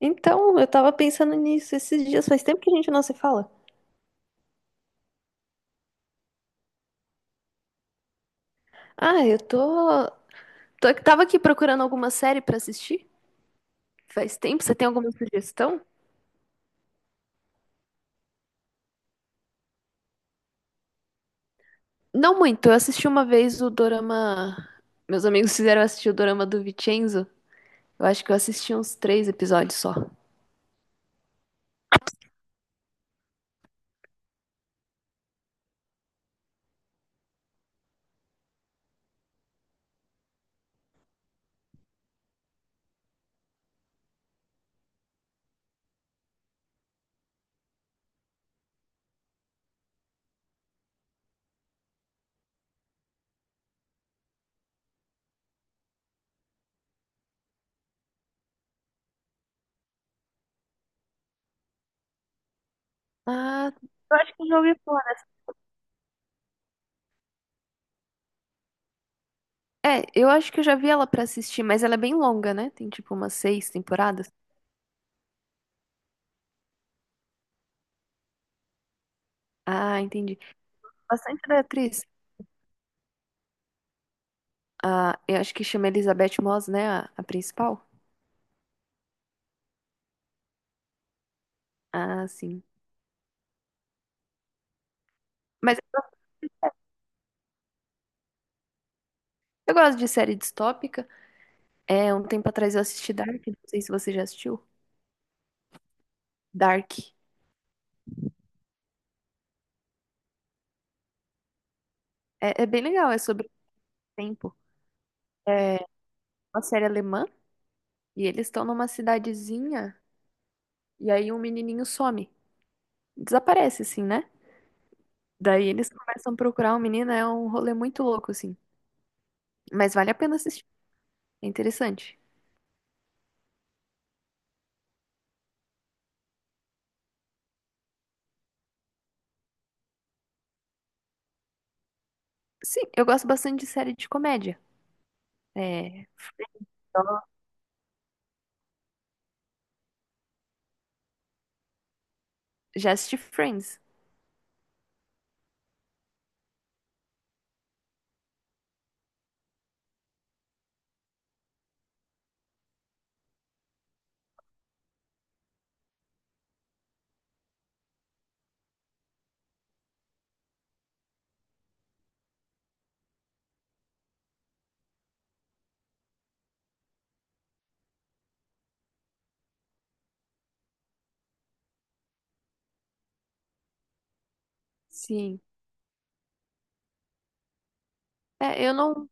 Então, eu tava pensando nisso esses dias, faz tempo que a gente não se fala. Ah, eu tô, tava aqui procurando alguma série pra assistir. Faz tempo, você tem alguma sugestão? Não muito, eu assisti uma vez o Dorama. Meus amigos fizeram eu assistir o Dorama do Vincenzo. Eu acho que eu assisti uns três episódios só. Ah, eu acho que eu já ouvi falar. É, eu acho que eu já vi ela pra assistir, mas ela é bem longa, né? Tem tipo umas seis temporadas. Ah, entendi. Bastante da atriz. Ah, eu acho que chama Elizabeth Moss, né? A principal. Ah, sim. Mas eu gosto de série distópica. É, um tempo atrás eu assisti Dark, não sei se você já assistiu. Dark. É, é bem legal, é sobre o tempo. Uma série alemã, e eles estão numa cidadezinha, e aí um menininho some. Desaparece, assim, né? Daí eles começam a procurar o menino, é um rolê muito louco, assim. Mas vale a pena assistir, é interessante. Sim, eu gosto bastante de série de comédia. É, já assisti Friends. Sim. É, eu não,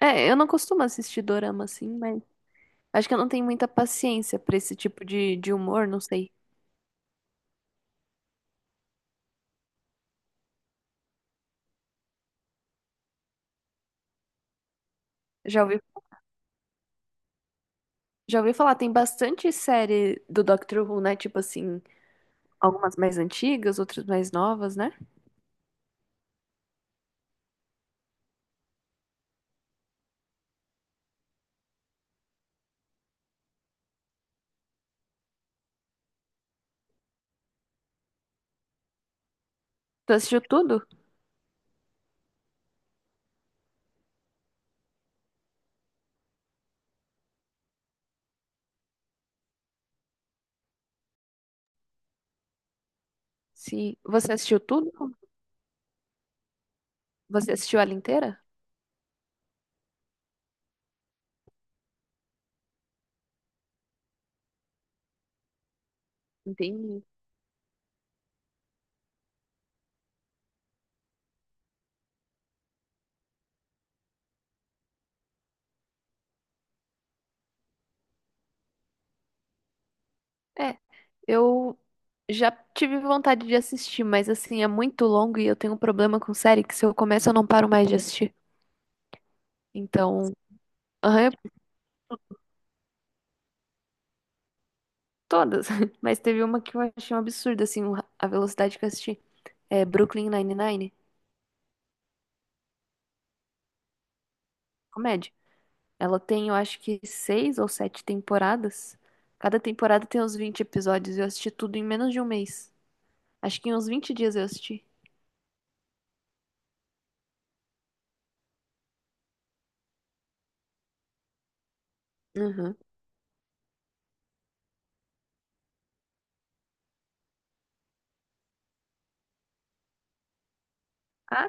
eu não costumo assistir dorama, assim, mas... Acho que eu não tenho muita paciência pra esse tipo de humor, não sei. Já ouvi, já ouvi falar, tem bastante série do Doctor Who, né? Tipo assim, algumas mais antigas, outras mais novas, né? Tu assistiu tudo? Sim. Você assistiu tudo? Você assistiu ela inteira? Entendi. É, eu já tive vontade de assistir, mas assim, é muito longo e eu tenho um problema com série que se eu começo eu não paro mais de assistir. Então, aham, todas. Mas teve uma que eu achei um absurdo, assim, a velocidade que eu assisti. É Brooklyn Nine-Nine, comédia. Ela tem, eu acho que seis ou sete temporadas. Cada temporada tem uns 20 episódios. Eu assisti tudo em menos de um mês. Acho que em uns 20 dias eu assisti. Uhum. Ah,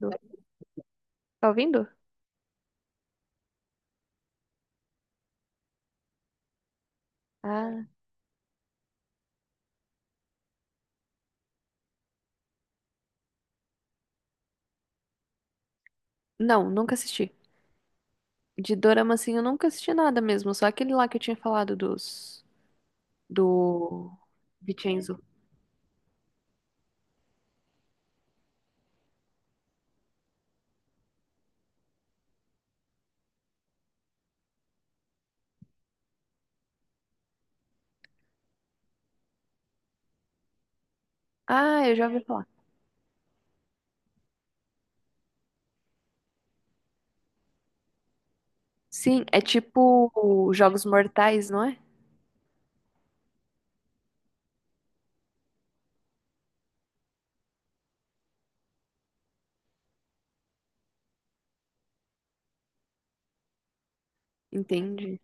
do- tá ouvindo? Ah. Não, nunca assisti. De Dorama, assim, eu nunca assisti nada mesmo. Só aquele lá que eu tinha falado dos... Do... Vincenzo. Ah, eu já ouvi falar. Sim, é tipo Jogos Mortais, não é? Entende?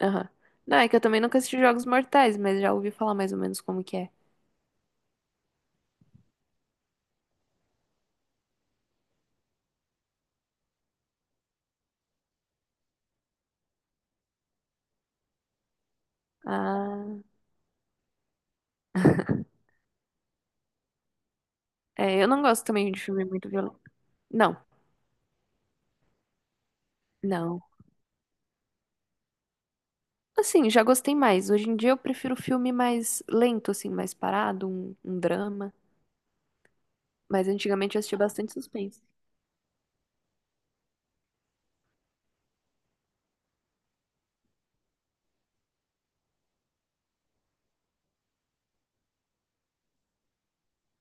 Aham. Não, é que eu também nunca assisti Jogos Mortais, mas já ouvi falar mais ou menos como que é. Ah, é, eu não gosto também de filme muito violento. Não, não. Assim, já gostei mais. Hoje em dia eu prefiro filme mais lento, assim, mais parado, um drama. Mas antigamente eu assistia bastante suspense.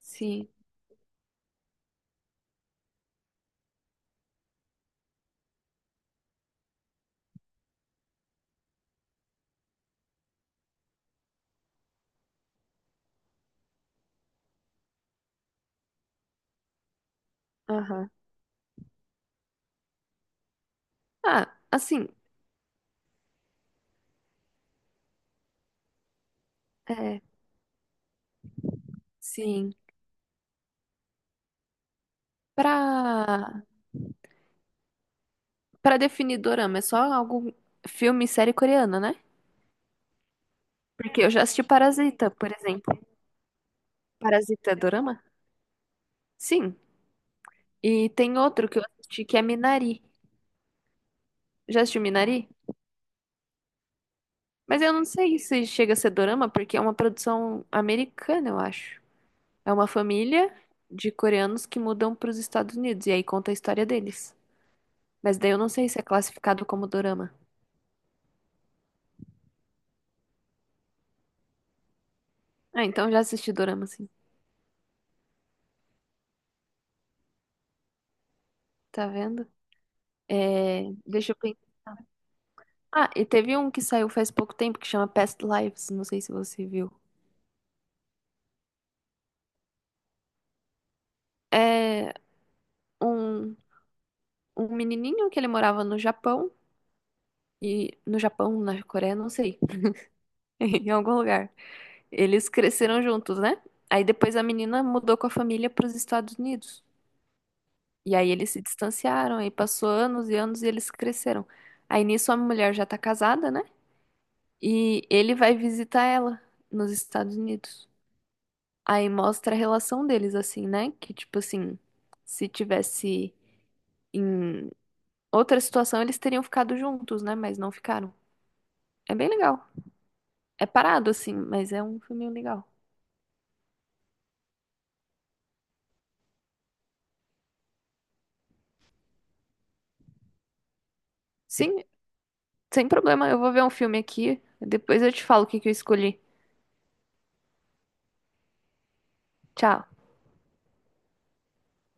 Sim, aham. Ah, assim, é, sim. Pra, pra definir dorama, é só algum filme e série coreana, né? Porque eu já assisti Parasita, por exemplo. Parasita é dorama? Sim. E tem outro que eu assisti que é Minari. Já assistiu Minari? Mas eu não sei se chega a ser dorama, porque é uma produção americana, eu acho. É uma família de coreanos que mudam para os Estados Unidos, e aí conta a história deles. Mas daí eu não sei se é classificado como dorama. Ah, então já assisti dorama, sim. Tá vendo? É... Deixa eu pensar. Ah, e teve um que saiu faz pouco tempo que chama Past Lives, não sei se você viu. É um, um menininho que ele morava no Japão, e no Japão, na Coreia, não sei. em algum lugar. Eles cresceram juntos, né? Aí depois a menina mudou com a família para os Estados Unidos. E aí eles se distanciaram, aí passou anos e anos e eles cresceram. Aí nisso a mulher já tá casada, né? E ele vai visitar ela nos Estados Unidos. Aí mostra a relação deles assim, né? Que tipo assim, se tivesse em outra situação eles teriam ficado juntos, né? Mas não ficaram. É bem legal. É parado assim, mas é um filminho legal. Sim, sem problema, eu vou ver um filme aqui. Depois eu te falo o que que eu escolhi. Tchau.